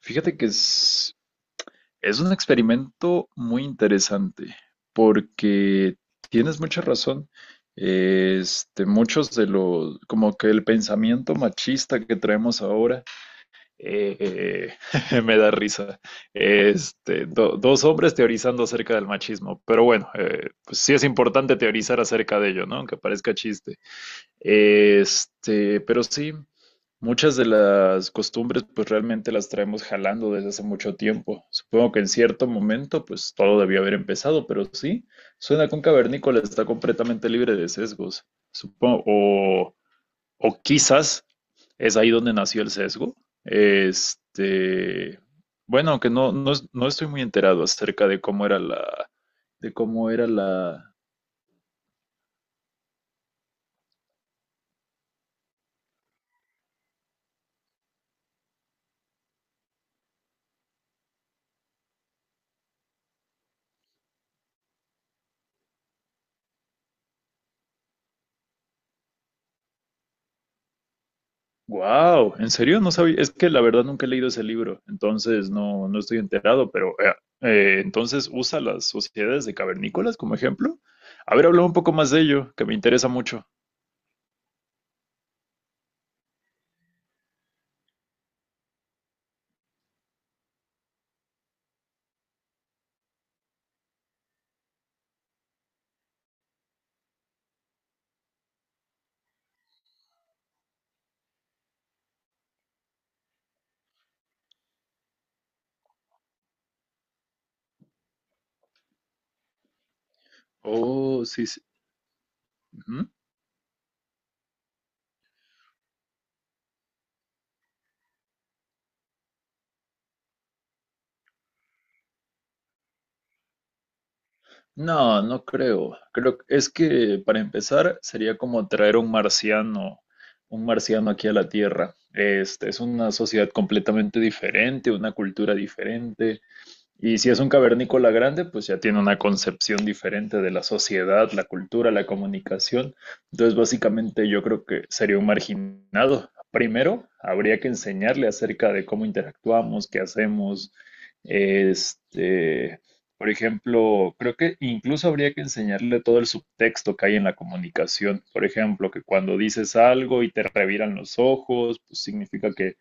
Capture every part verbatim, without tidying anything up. Fíjate que es, es un experimento muy interesante porque tienes mucha razón. Este, muchos de los, como que el pensamiento machista que traemos ahora, eh, me da risa. Este, do- dos hombres teorizando acerca del machismo, pero bueno, eh, pues sí es importante teorizar acerca de ello, ¿no? Aunque parezca chiste. Este, pero sí, muchas de las costumbres pues realmente las traemos jalando desde hace mucho tiempo. Supongo que en cierto momento pues todo debió haber empezado, pero sí, suena que un cavernícola está completamente libre de sesgos. Supongo, o, o quizás es ahí donde nació el sesgo. Este, bueno, aunque no, no, es- no estoy muy enterado acerca de cómo era la, de cómo era la, Wow, ¿en serio? No sabía. Es que la verdad nunca he leído ese libro, entonces no, no estoy enterado, pero eh, eh, entonces usa las sociedades de cavernícolas como ejemplo. A ver, habla un poco más de ello, que me interesa mucho. Oh, sí, sí. Ujú. No, no creo. Creo que es que para empezar sería como traer un marciano, un marciano aquí a la Tierra. Este es una sociedad completamente diferente, una cultura diferente. Y si es un cavernícola grande, pues ya tiene una concepción diferente de la sociedad, la cultura, la comunicación. Entonces, básicamente yo creo que sería un marginado. Primero, habría que enseñarle acerca de cómo interactuamos, qué hacemos. Este, por ejemplo, creo que incluso habría que enseñarle todo el subtexto que hay en la comunicación. Por ejemplo, que cuando dices algo y te reviran los ojos, pues significa que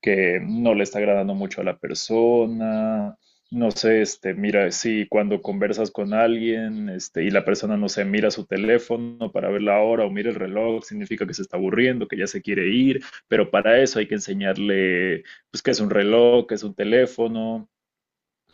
que no le está agradando mucho a la persona. No sé, este, mira, si cuando conversas con alguien, este, y la persona, no sé, mira su teléfono para ver la hora o mira el reloj, significa que se está aburriendo, que ya se quiere ir, pero para eso hay que enseñarle, pues, qué es un reloj, qué es un teléfono,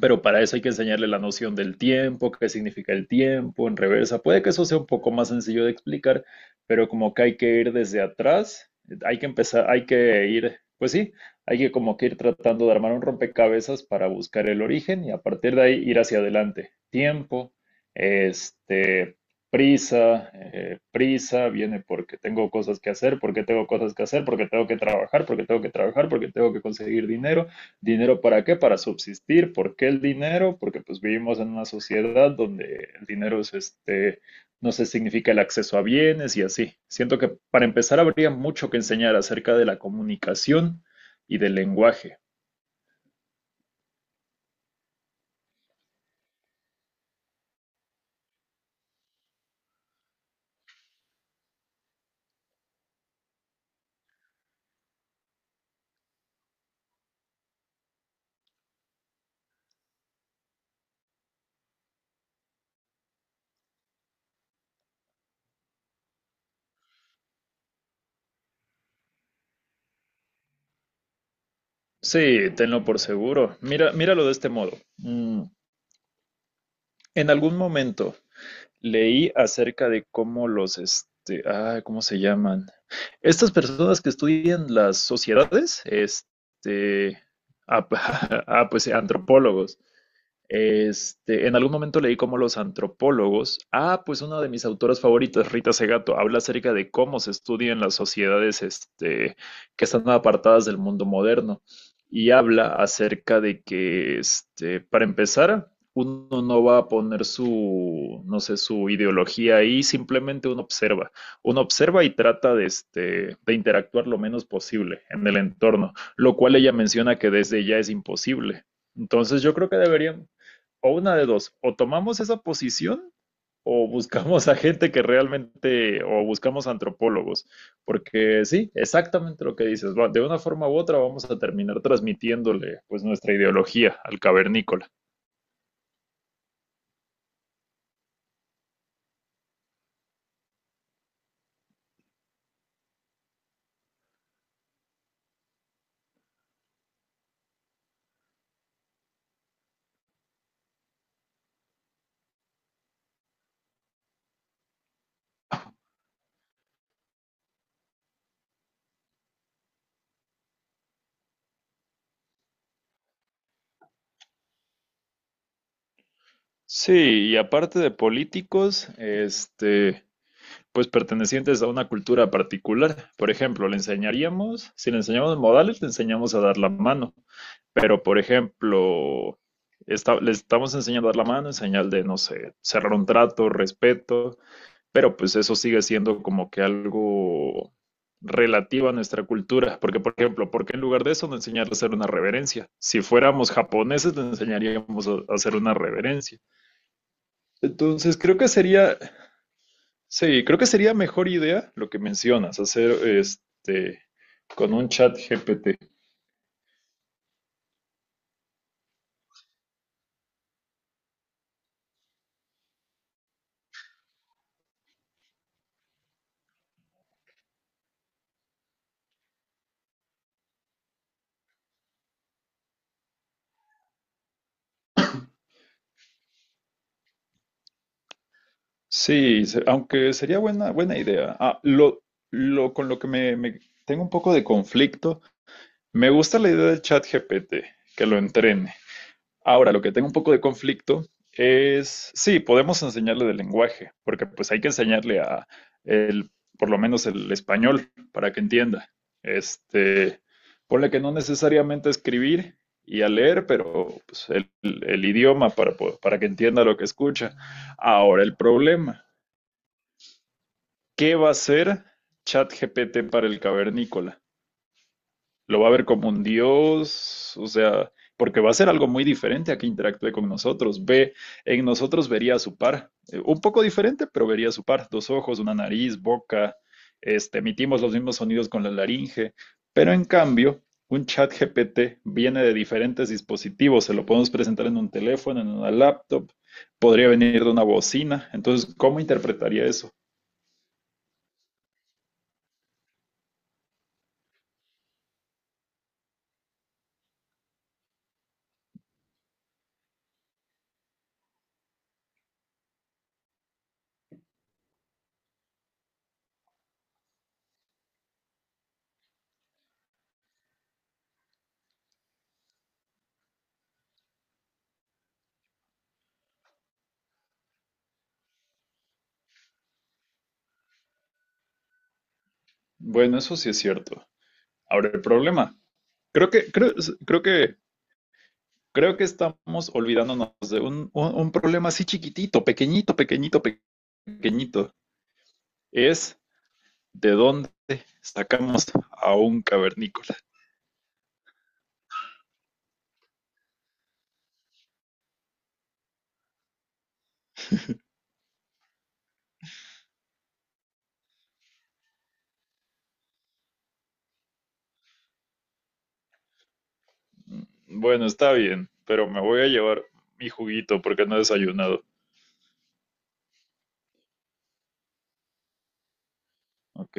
pero para eso hay que enseñarle la noción del tiempo, qué significa el tiempo en reversa. Puede que eso sea un poco más sencillo de explicar, pero como que hay que ir desde atrás, hay que empezar, hay que ir, pues sí, hay que como que ir tratando de armar un rompecabezas para buscar el origen y a partir de ahí ir hacia adelante. Tiempo, este, prisa, eh, prisa, viene porque tengo cosas que hacer, porque tengo cosas que hacer, porque tengo que trabajar, porque tengo que trabajar, porque tengo que conseguir dinero. ¿Dinero para qué? Para subsistir. ¿Por qué el dinero? Porque pues vivimos en una sociedad donde el dinero es este, no se significa el acceso a bienes y así. Siento que para empezar habría mucho que enseñar acerca de la comunicación y del lenguaje. Sí, tenlo por seguro. Mira, míralo de este modo. Mm, en algún momento leí acerca de cómo los, este, ah, ¿cómo se llaman? Estas personas que estudian las sociedades, este, ah, ah, pues antropólogos. Este, en algún momento leí cómo los antropólogos, ah, pues una de mis autoras favoritas, Rita Segato, habla acerca de cómo se estudian las sociedades, este, que están apartadas del mundo moderno y habla acerca de que, este, para empezar, uno no va a poner su, no sé, su ideología ahí, simplemente uno observa. Uno observa y trata de, este, de interactuar lo menos posible en el entorno, lo cual ella menciona que desde ya es imposible. Entonces yo creo que deberíamos, o una de dos, o tomamos esa posición o buscamos a gente que realmente, o buscamos antropólogos, porque sí, exactamente lo que dices, va, de una forma u otra vamos a terminar transmitiéndole pues nuestra ideología al cavernícola. Sí, y aparte de políticos, este, pues pertenecientes a una cultura particular. Por ejemplo, le enseñaríamos, si le enseñamos modales, le enseñamos a dar la mano. Pero, por ejemplo, esta- le estamos enseñando a dar la mano en señal de, no sé, cerrar un trato, respeto, pero pues eso sigue siendo como que algo relativo a nuestra cultura. Porque, por ejemplo, ¿por qué en lugar de eso no enseñar a hacer una reverencia? Si fuéramos japoneses, le enseñaríamos a a hacer una reverencia. Entonces creo que sería, sí, creo que sería mejor idea lo que mencionas, hacer este con un chat G P T. Sí, se- aunque sería buena, buena idea. Ah, lo, lo con lo que me, me- tengo un poco de conflicto. Me gusta la idea del chat G P T, que lo entrene. Ahora, lo que tengo un poco de conflicto es, sí, podemos enseñarle del lenguaje, porque pues hay que enseñarle a el, por lo menos el español para que entienda. Este, ponle que no necesariamente a escribir y a leer, pero pues, el, el idioma para, po- para que entienda lo que escucha. Ahora, el problema, ¿qué va a hacer ChatGPT para el cavernícola? Lo va a ver como un dios, o sea, porque va a ser algo muy diferente a que interactúe con nosotros. Ve, en nosotros vería a su par, eh, un poco diferente, pero vería a su par, dos ojos, una nariz, boca, este, emitimos los mismos sonidos con la laringe, pero en cambio, un chat G P T viene de diferentes dispositivos, se lo podemos presentar en un teléfono, en una laptop, podría venir de una bocina, entonces, ¿cómo interpretaría eso? Bueno, eso sí es cierto. Ahora, el problema, creo que, creo, creo que creo que estamos olvidándonos de un, un- un problema así chiquitito, pequeñito, pequeñito, pequeñito. Es de dónde sacamos a un cavernícola. Mm, Bueno, está bien, pero me voy a llevar mi juguito porque no he desayunado. Ok.